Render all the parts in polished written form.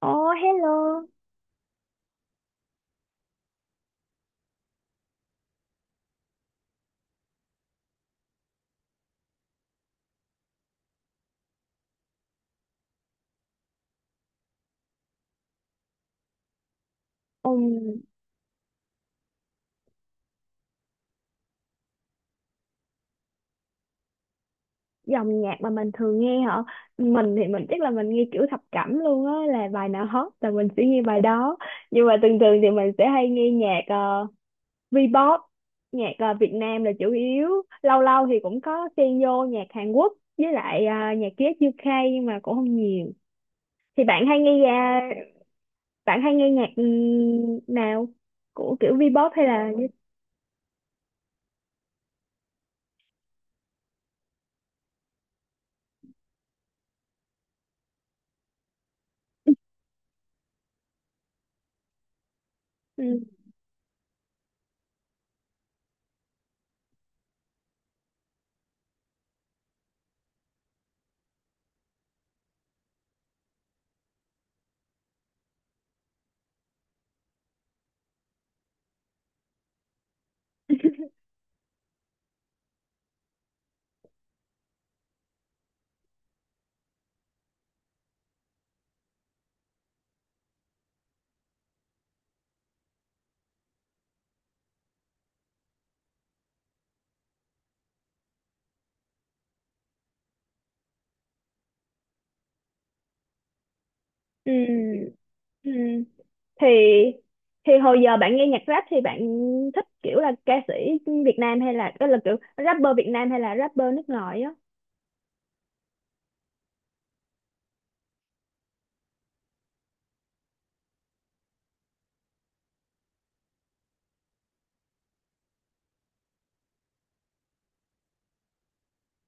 Ồ, hello. Ừm, Dòng nhạc mà mình thường nghe hả? Mình thì mình chắc là mình nghe kiểu thập cẩm luôn á, là bài nào hot là mình sẽ nghe bài đó. Nhưng mà thường thường thì mình sẽ hay nghe nhạc V-pop, nhạc Việt Nam là chủ yếu. Lâu lâu thì cũng có xen vô nhạc Hàn Quốc với lại nhạc US UK nhưng mà cũng không nhiều. Thì bạn hay nghe nhạc nào? Của kiểu V-pop hay là, ừ. Ừ. Ừ. thì thì hồi giờ bạn nghe nhạc rap thì bạn thích kiểu là ca sĩ Việt Nam, hay là đó là kiểu rapper Việt Nam hay là rapper nước ngoài á?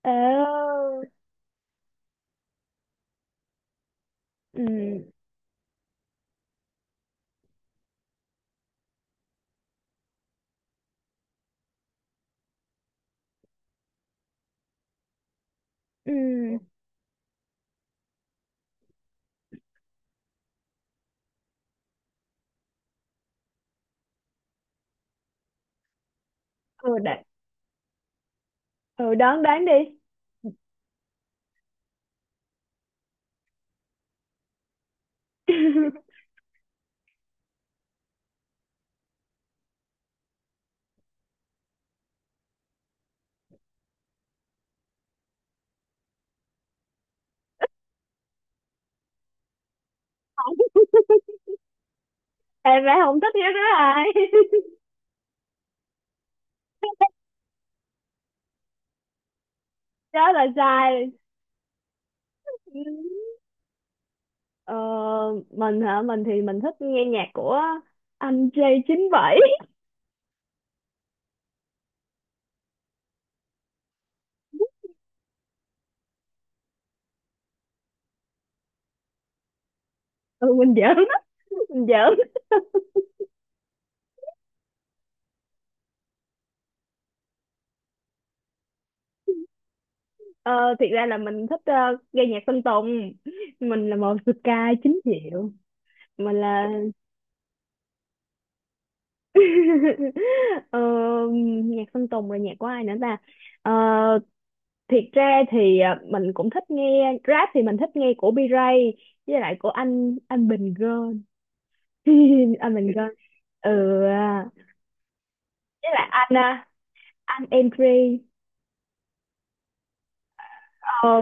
ờ ừ, ừ, ừ, ừ, đoán đoán đi. Không. Em bé không thích nhất đó, ai? Đó là sai. Ừ. ờ, mình hả? Mình thì mình thích nghe nhạc của anh J97. Ừ, mình giỡn, mình giỡn. Ờ, Thiệt ra là mình thích nghe nhạc Sơn Tùng. Mình là một Sky chính diệu. Mình là ờ, Nhạc Sơn Tùng, rồi nhạc của ai nữa ta? Ờ, thiệt ra thì mình cũng thích nghe rap, thì mình thích nghe của B-Ray với lại của anh Bình Gơn. Anh Bình Gơn. Ừ. À. Với lại anh Entry. Ờ.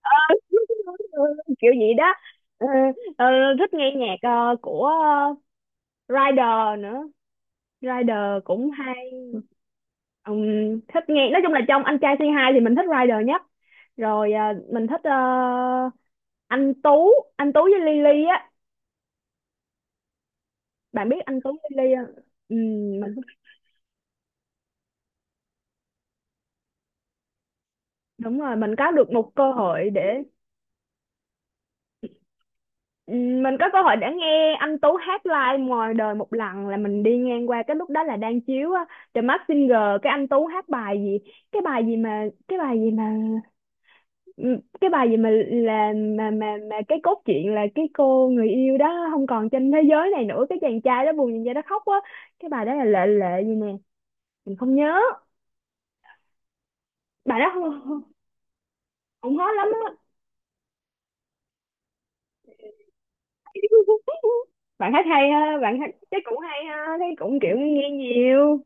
Kiểu gì đó. Ờ, ờ, Thích nghe nhạc của, Rider nữa. Rider cũng hay. Thích nghe, nói chung là trong anh trai Say Hi thì mình thích Rider nhất, rồi à, mình thích anh Tú. Anh Tú với Lily á. Bạn biết anh Tú với Lily không? Mình Đúng rồi, mình có được một cơ hội để, mình có cơ hội để nghe anh Tú hát live ngoài đời một lần, là mình đi ngang qua cái lúc đó là đang chiếu á, The Masked Singer. Cái anh Tú hát bài gì? Cái bài gì mà ừ, cái bài gì mà là, mà cái cốt truyện là cái cô người yêu đó không còn trên thế giới này nữa, cái chàng trai đó buồn nhìn ra đó khóc quá. Cái bài đó là lệ, lệ gì nè, mình không nhớ. Bài đó không hot lắm á. Bạn hát hay ha, bạn hát chắc cũng hay ha, thấy cũng kiểu nghe nhiều.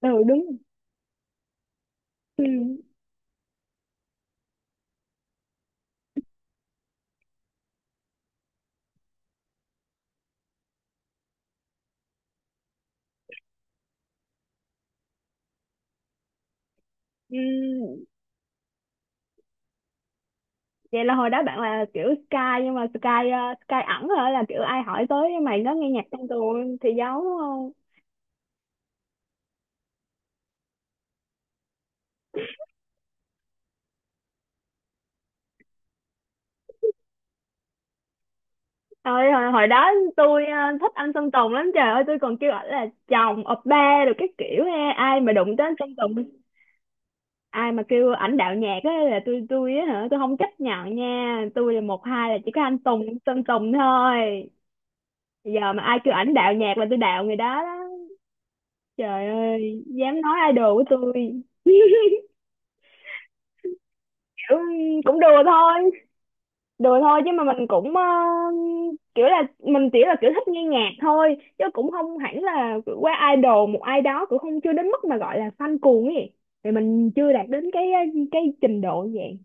Ừ, đúng. Ừ. Ừ. Vậy là hồi đó bạn là kiểu Sky, nhưng mà Sky ẩn hả, là kiểu ai hỏi tới mày nó nghe nhạc trong tuồng thì giấu. Hồi đó tôi thích anh Sơn Tùng lắm, trời ơi tôi còn kêu ảnh là chồng, oppa được cái kiểu ha, ai mà đụng tới anh Sơn Tùng, ai mà kêu ảnh đạo nhạc á là tôi á, hả, tôi không chấp nhận nha, tôi là một hai là chỉ có anh Sơn Tùng thôi. Giờ mà ai kêu ảnh đạo nhạc là tôi đạo người đó đó, trời ơi dám nói idol của tôi, kiểu. Cũng đùa thôi. Đùa thôi chứ mà mình cũng kiểu là mình chỉ là kiểu thích nghe nhạc thôi chứ cũng không hẳn là qua idol một ai đó, cũng không, chưa đến mức mà gọi là fan cuồng ấy. Thì mình chưa đạt đến cái, cái trình độ như vậy.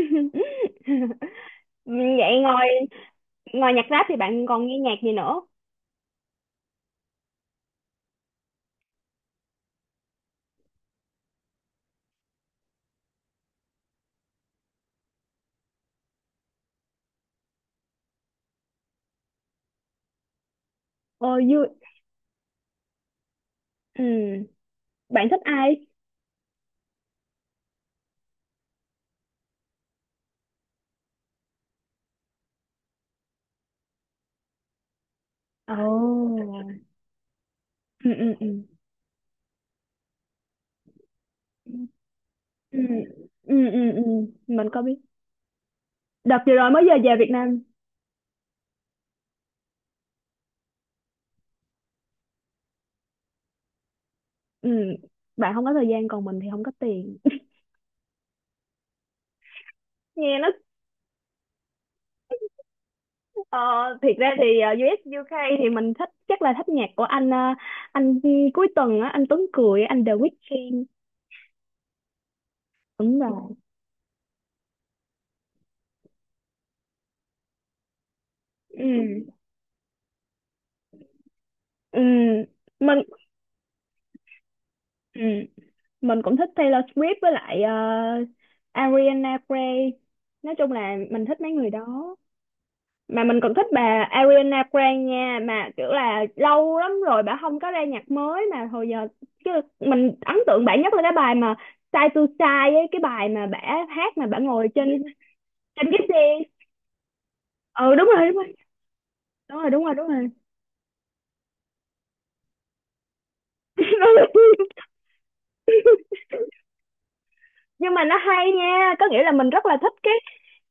Vậy ngoài ngoài nhạc rap thì bạn còn nghe nhạc gì nữa? Ờ vui. Ừ. Bạn thích ai? Ồ. Ừ, ừ, ừ, ừ, ừ, ừ, ừ. Mình có biết, đợt vừa rồi mới giờ về Việt Nam. Ừ, bạn không có thời gian, còn mình thì không có tiền, nghe nó. Ờ, thiệt ra thì US UK thì mình thích, chắc là thích nhạc của anh cuối tuần á, anh Tuấn Cười, anh The Weeknd. Đúng rồi. Ừ. Ừ. Mình. Ừ, mình cũng thích Taylor Swift với lại Ariana Grande. Nói chung là mình thích mấy người đó, mà mình còn thích bà Ariana Grande nha, mà kiểu là lâu lắm rồi bà không có ra nhạc mới mà hồi giờ chứ. Mình ấn tượng bà nhất là cái bài mà Side to Side ấy, cái bài mà bà hát mà bà ngồi trên trên cái xe. Ừ, đúng rồi, đúng rồi, đúng rồi, đúng rồi, đúng rồi. Nhưng mà nó hay nha, có nghĩa là mình rất là thích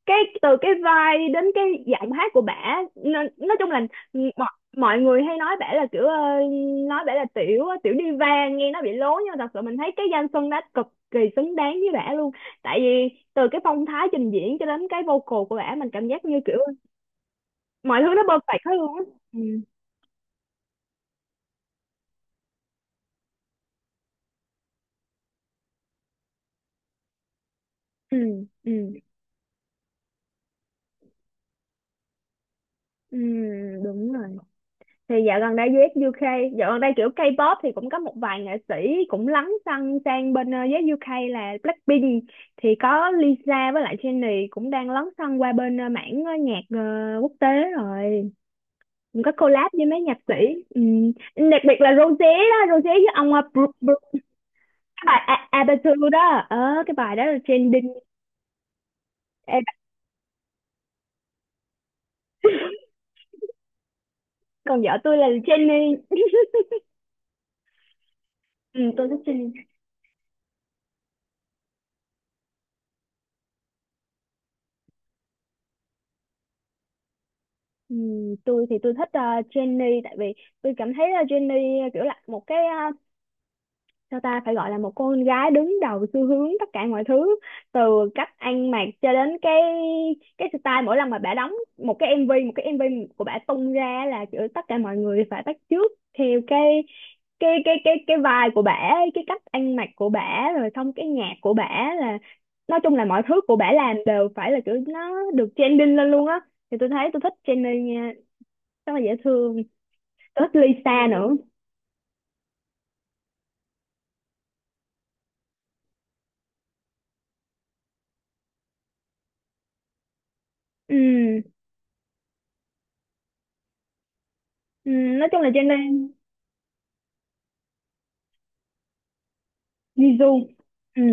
cái từ cái vai đến cái giọng hát của bả, nó, nói chung là mọi, mọi người hay nói bả là kiểu nói bả là tiểu diva, nghe nó bị lố, nhưng mà thật sự mình thấy cái danh xưng đó cực kỳ xứng đáng với bả luôn, tại vì từ cái phong thái trình diễn cho đến cái vocal của bả, mình cảm giác như kiểu mọi thứ nó perfect hết luôn á. Ừ, ừ, ừ, ừ, đúng rồi. Thì dạo gần đây US UK, dạo gần đây kiểu K-pop thì cũng có một vài nghệ sĩ cũng lấn sân sang bên US UK là Blackpink, thì có Lisa với lại Jennie cũng đang lấn sân qua bên ờ, mảng ờ, nhạc ờ, quốc tế, rồi cũng có collab với mấy nhạc sĩ. Ừ. Đặc biệt là Rosé đó, Rosé với ông cái bài Aperture đó. Ờ cái bài đó là trending. Ê, còn vợ tôi là Jennie. Ừ, tôi thích Jennie. Ừ, tôi thì tôi thích Jennie tại vì tôi cảm thấy Jennie kiểu là một cái, sao ta, phải gọi là một cô con gái đứng đầu xu hướng tất cả mọi thứ, từ cách ăn mặc cho đến cái style, mỗi lần mà bả đóng một cái MV của bả tung ra là kiểu tất cả mọi người phải bắt chước theo cái vibe của bả, cái cách ăn mặc của bả rồi xong cái nhạc của bả là, nói chung là mọi thứ của bả làm đều phải là kiểu nó được trending lên luôn á. Thì tôi thấy tôi thích Jennie nha, rất là dễ thương. Tôi thích Lisa nữa. Ừ. Ừ. Nói chung là Jennie, Jisoo. Ừ,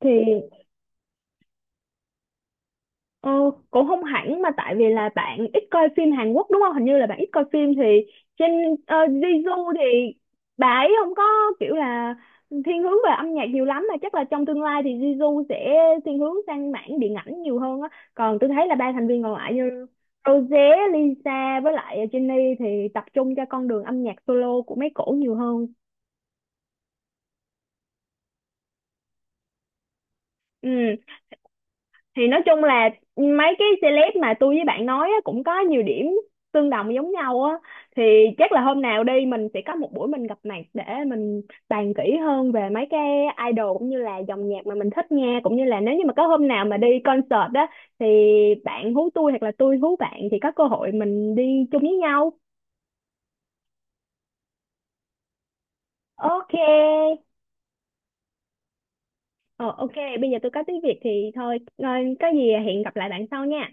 thì ờ, cũng không hẳn, mà tại vì là bạn ít coi phim Hàn Quốc đúng không, hình như là bạn ít coi phim. Thì trên Jisoo thì bà ấy không có kiểu là thiên hướng về âm nhạc nhiều lắm, mà chắc là trong tương lai thì Jisoo sẽ thiên hướng sang mảng điện ảnh nhiều hơn á. Còn tôi thấy là ba thành viên còn lại như Rosé, Lisa với lại Jennie thì tập trung cho con đường âm nhạc solo của mấy cổ nhiều hơn. Ừ. Thì nói chung là mấy cái celeb mà tôi với bạn nói á, cũng có nhiều điểm tương đồng giống nhau á, thì chắc là hôm nào đi mình sẽ có một buổi mình gặp mặt để mình bàn kỹ hơn về mấy cái idol cũng như là dòng nhạc mà mình thích nghe, cũng như là nếu như mà có hôm nào mà đi concert á thì bạn hú tôi hoặc là tôi hú bạn thì có cơ hội mình đi chung với nhau. Ok. Ờ, ok, bây giờ tôi có tiếng Việt thì thôi, có gì hẹn gặp lại bạn sau nha.